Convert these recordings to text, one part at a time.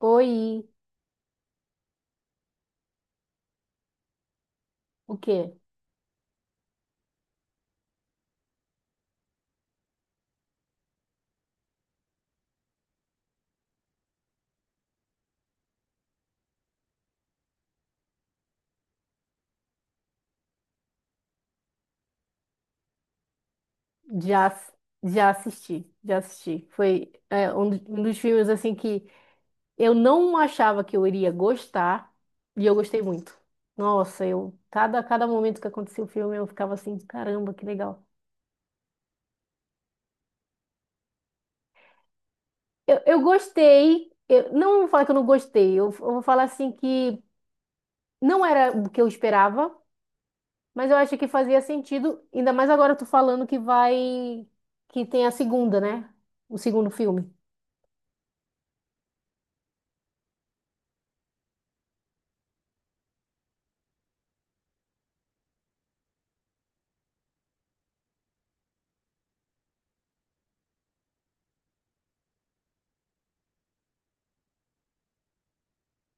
Oi, o quê? Já, ass- já assisti, já assisti. Foi um dos filmes assim que eu não achava que eu iria gostar e eu gostei muito. Nossa, eu cada momento que acontecia o filme eu ficava assim, caramba, que legal. Eu gostei. Eu não vou falar que eu não gostei. Eu vou falar assim que não era o que eu esperava, mas eu acho que fazia sentido. Ainda mais agora tu falando que vai que tem a segunda, né? O segundo filme.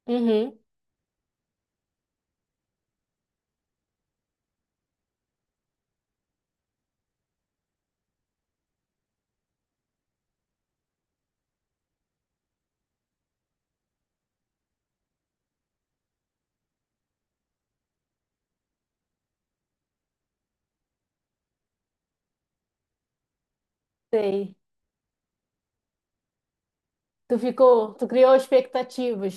Uhum. Sei. Tu criou expectativas.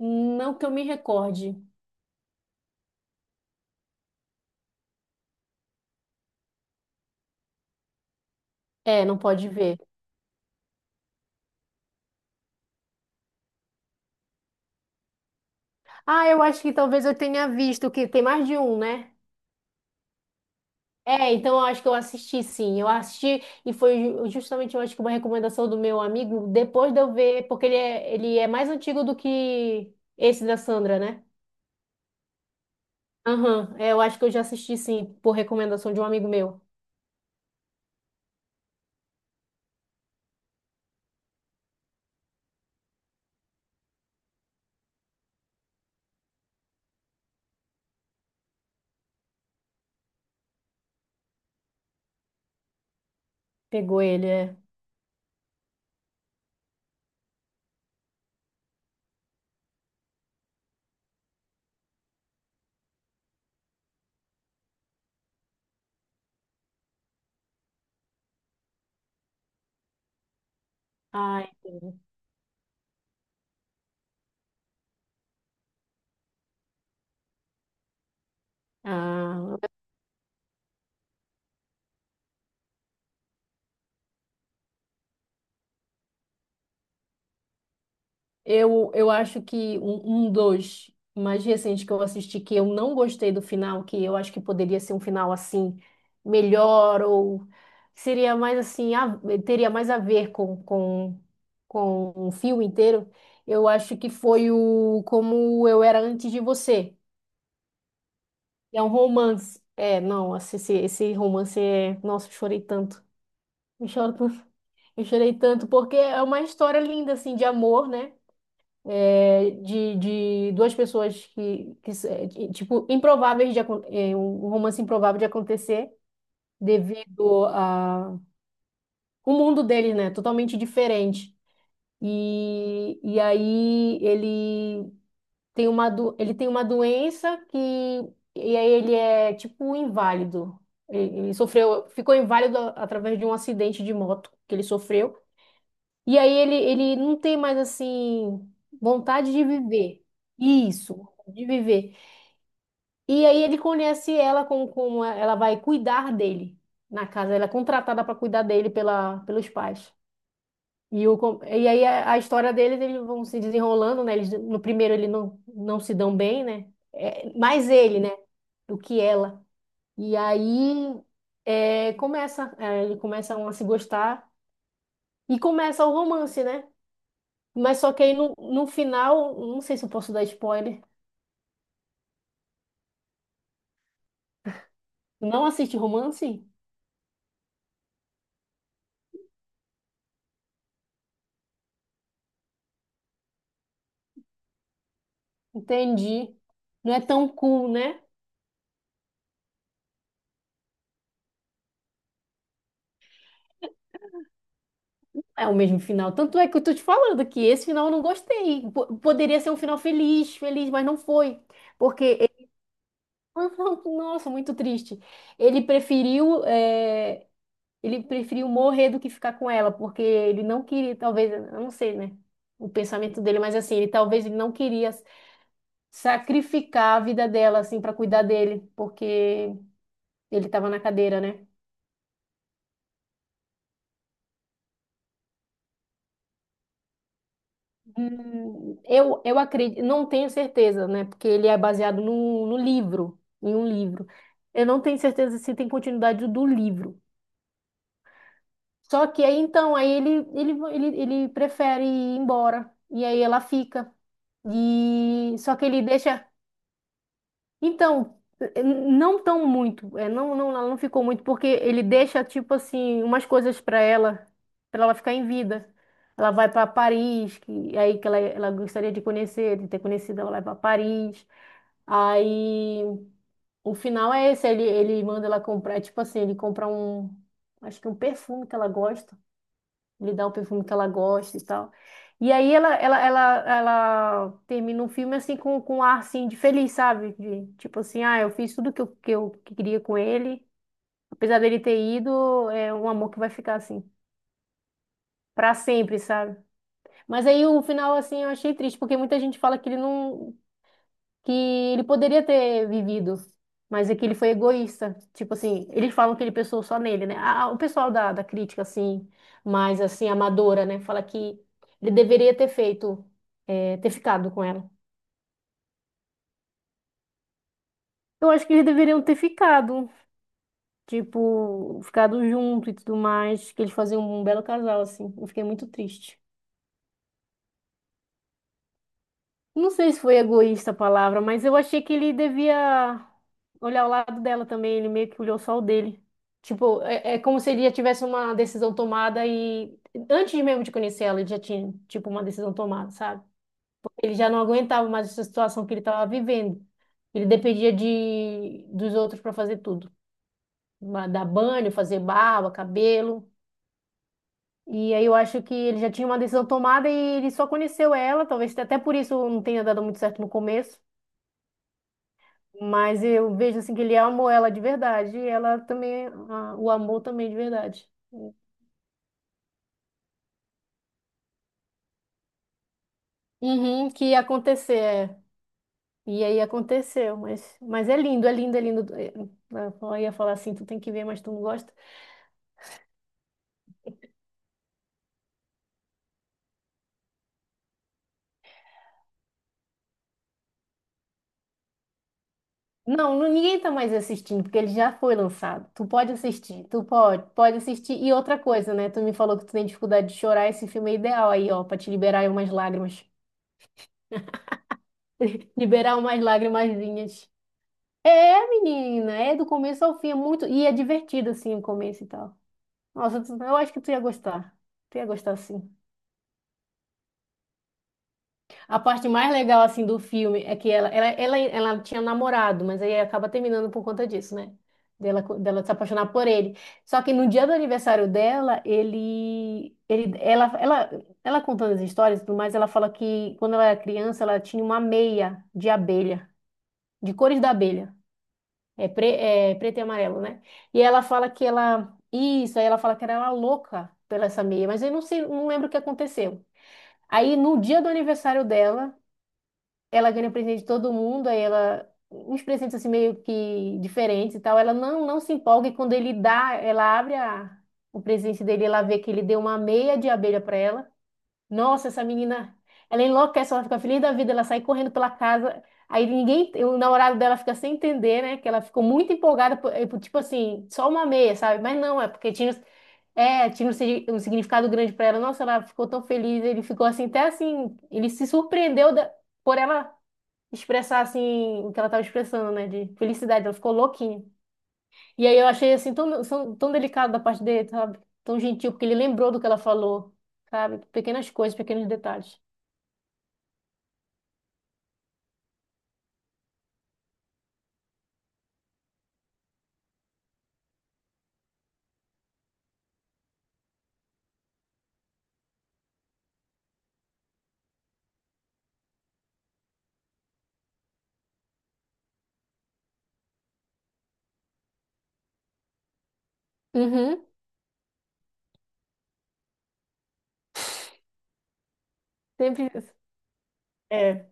Não que eu me recorde. É, não pode ver. Ah, eu acho que talvez eu tenha visto que tem mais de um, né? É, então eu acho que eu assisti sim. Eu assisti e foi justamente, eu acho que uma recomendação do meu amigo, depois de eu ver, porque ele é mais antigo do que esse da Sandra, né? Aham, é, eu acho que eu já assisti sim, por recomendação de um amigo meu. Pegou ele, é. Ai, ah, Eu acho que um dos mais recentes que eu assisti que eu não gostei do final, que eu acho que poderia ser um final assim, melhor, ou seria mais assim, teria mais a ver com um filme inteiro, eu acho que foi o Como Eu Era Antes de Você. É um romance. É, não, esse romance é. Nossa, eu chorei tanto. Eu choro tanto. Eu chorei tanto porque é uma história linda, assim, de amor, né? É, de duas pessoas que, tipo, improváveis de, um romance improvável de acontecer devido a o mundo deles, né? Totalmente diferente. E aí ele ele tem uma doença que e aí ele é tipo inválido. Ele sofreu, ficou inválido através de um acidente de moto que ele sofreu. E aí ele não tem mais assim vontade de viver. Isso, vontade de viver. E aí ele conhece ela como, como ela vai cuidar dele na casa. Ela é contratada para cuidar dele pelos pais. E aí a história deles, eles vão se desenrolando, né? Eles, no primeiro ele não, não se dão bem, né? É, mais ele, né? Do que ela. E aí começa, é, ele começam a se gostar e começa o romance, né? Mas só que aí no final, não sei se eu posso dar spoiler. Não assiste romance? Entendi. Não é tão cool, né? É o mesmo final. Tanto é que eu tô te falando que esse final eu não gostei. Poderia ser um final feliz, feliz, mas não foi. Porque, nossa, muito triste. Ele preferiu, é, ele preferiu morrer do que ficar com ela, porque ele não queria, talvez, eu não sei, né? O pensamento dele, mas assim, ele não queria sacrificar a vida dela, assim, para cuidar dele, porque ele estava na cadeira, né? Eu acredito, não tenho certeza, né? Porque ele é baseado no livro, em um livro. Eu não tenho certeza se tem continuidade do livro. Só que aí, então, aí ele prefere ir embora, e aí ela fica. E só que ele deixa. Então, não tão muito, é, não, não, ela não ficou muito, porque ele deixa, tipo assim, umas coisas para ela ficar em vida. Ela vai para Paris, que aí que ela gostaria de conhecer, de ter conhecido, ela vai para Paris. Aí o final é esse, ele manda ela comprar, tipo assim, ele compra um, acho que um perfume que ela gosta lhe dá o perfume que ela gosta e tal. E aí ela termina um filme assim com um ar assim de feliz, sabe? De, tipo assim, ah, eu fiz tudo que eu queria com ele. Apesar dele ter ido, é um amor que vai ficar assim, pra sempre, sabe? Mas aí o final, assim, eu achei triste, porque muita gente fala que ele não que ele poderia ter vivido, mas é que ele foi egoísta. Tipo assim, eles falam que ele pensou só nele, né? Ah, o pessoal da crítica, assim, mais assim, amadora, né? Fala que ele deveria ter feito, ter ficado com ela. Eu acho que eles deveriam ter ficado, tipo, ficado junto e tudo mais, que eles faziam um belo casal, assim. Eu fiquei muito triste. Não sei se foi egoísta a palavra, mas eu achei que ele devia olhar o lado dela também. Ele meio que olhou só o dele. Tipo, é, é como se ele já tivesse uma decisão tomada e antes mesmo de conhecer ela, ele já tinha, tipo, uma decisão tomada, sabe? Ele já não aguentava mais essa situação que ele estava vivendo. Ele dependia de dos outros para fazer tudo. Dar banho, fazer barba, cabelo. E aí eu acho que ele já tinha uma decisão tomada e ele só conheceu ela, talvez até por isso não tenha dado muito certo no começo. Mas eu vejo assim que ele amou ela de verdade e ela também, ah, o amor também de verdade. Uhum, que ia acontecer, é. E aí aconteceu, mas é lindo, é lindo, é lindo. Eu ia falar assim, tu tem que ver, mas tu não gosta. Ninguém tá mais assistindo, porque ele já foi lançado. Tu pode assistir, pode assistir. E outra coisa, né? Tu me falou que tu tem dificuldade de chorar, esse filme é ideal aí, ó, pra te liberar aí umas lágrimas. Liberar umas lágrimazinhas. É, menina, é do começo ao fim, é muito. E é divertido, assim, o começo e tal. Nossa, eu acho que tu ia gostar. Tu ia gostar, sim. A parte mais legal, assim, do filme é que ela tinha namorado, mas aí acaba terminando por conta disso, né? Dela, dela se apaixonar por ele. Só que no dia do aniversário dela, ela contando as histórias e tudo mais, ela fala que quando ela era criança, ela tinha uma meia de abelha, de cores da abelha. É, é preto e amarelo, né? E ela fala que ela. Isso, aí ela fala que era ela louca pela essa meia, mas eu não sei, não lembro o que aconteceu. Aí no dia do aniversário dela, ela ganha presente de todo mundo, aí ela. Uns presentes assim meio que diferentes e tal. Ela não, não se empolga e quando ele dá, ela abre o presente dele, ela vê que ele deu uma meia de abelha para ela. Nossa, essa menina, ela enlouquece, ela fica feliz da vida, ela sai correndo pela casa. Aí ninguém, o namorado dela fica sem entender, né? Que ela ficou muito empolgada, por, tipo assim, só uma meia, sabe? Mas não, é porque tinha, é, tinha um, um significado grande pra ela. Nossa, ela ficou tão feliz, ele ficou assim, até assim, ele se surpreendeu por ela expressar assim o que ela tava expressando, né? De felicidade, ela ficou louquinha. E aí eu achei assim tão delicado da parte dele, sabe? Tão gentil, porque ele lembrou do que ela falou, sabe? Pequenas coisas, pequenos detalhes. Uhum. Sempre isso. É,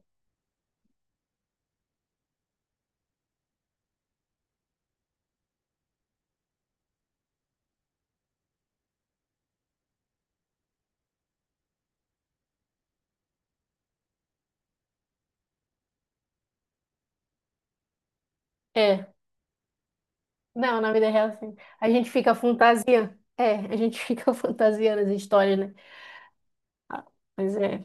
é. Não, na vida real, assim. A gente fica fantasia. É, a gente fica fantasiando as histórias, né? Mas é.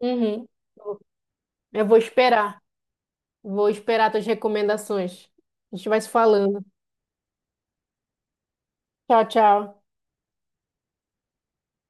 Uhum. Eu vou esperar. Vou esperar tuas recomendações. A gente vai se falando. Tchau, tchau.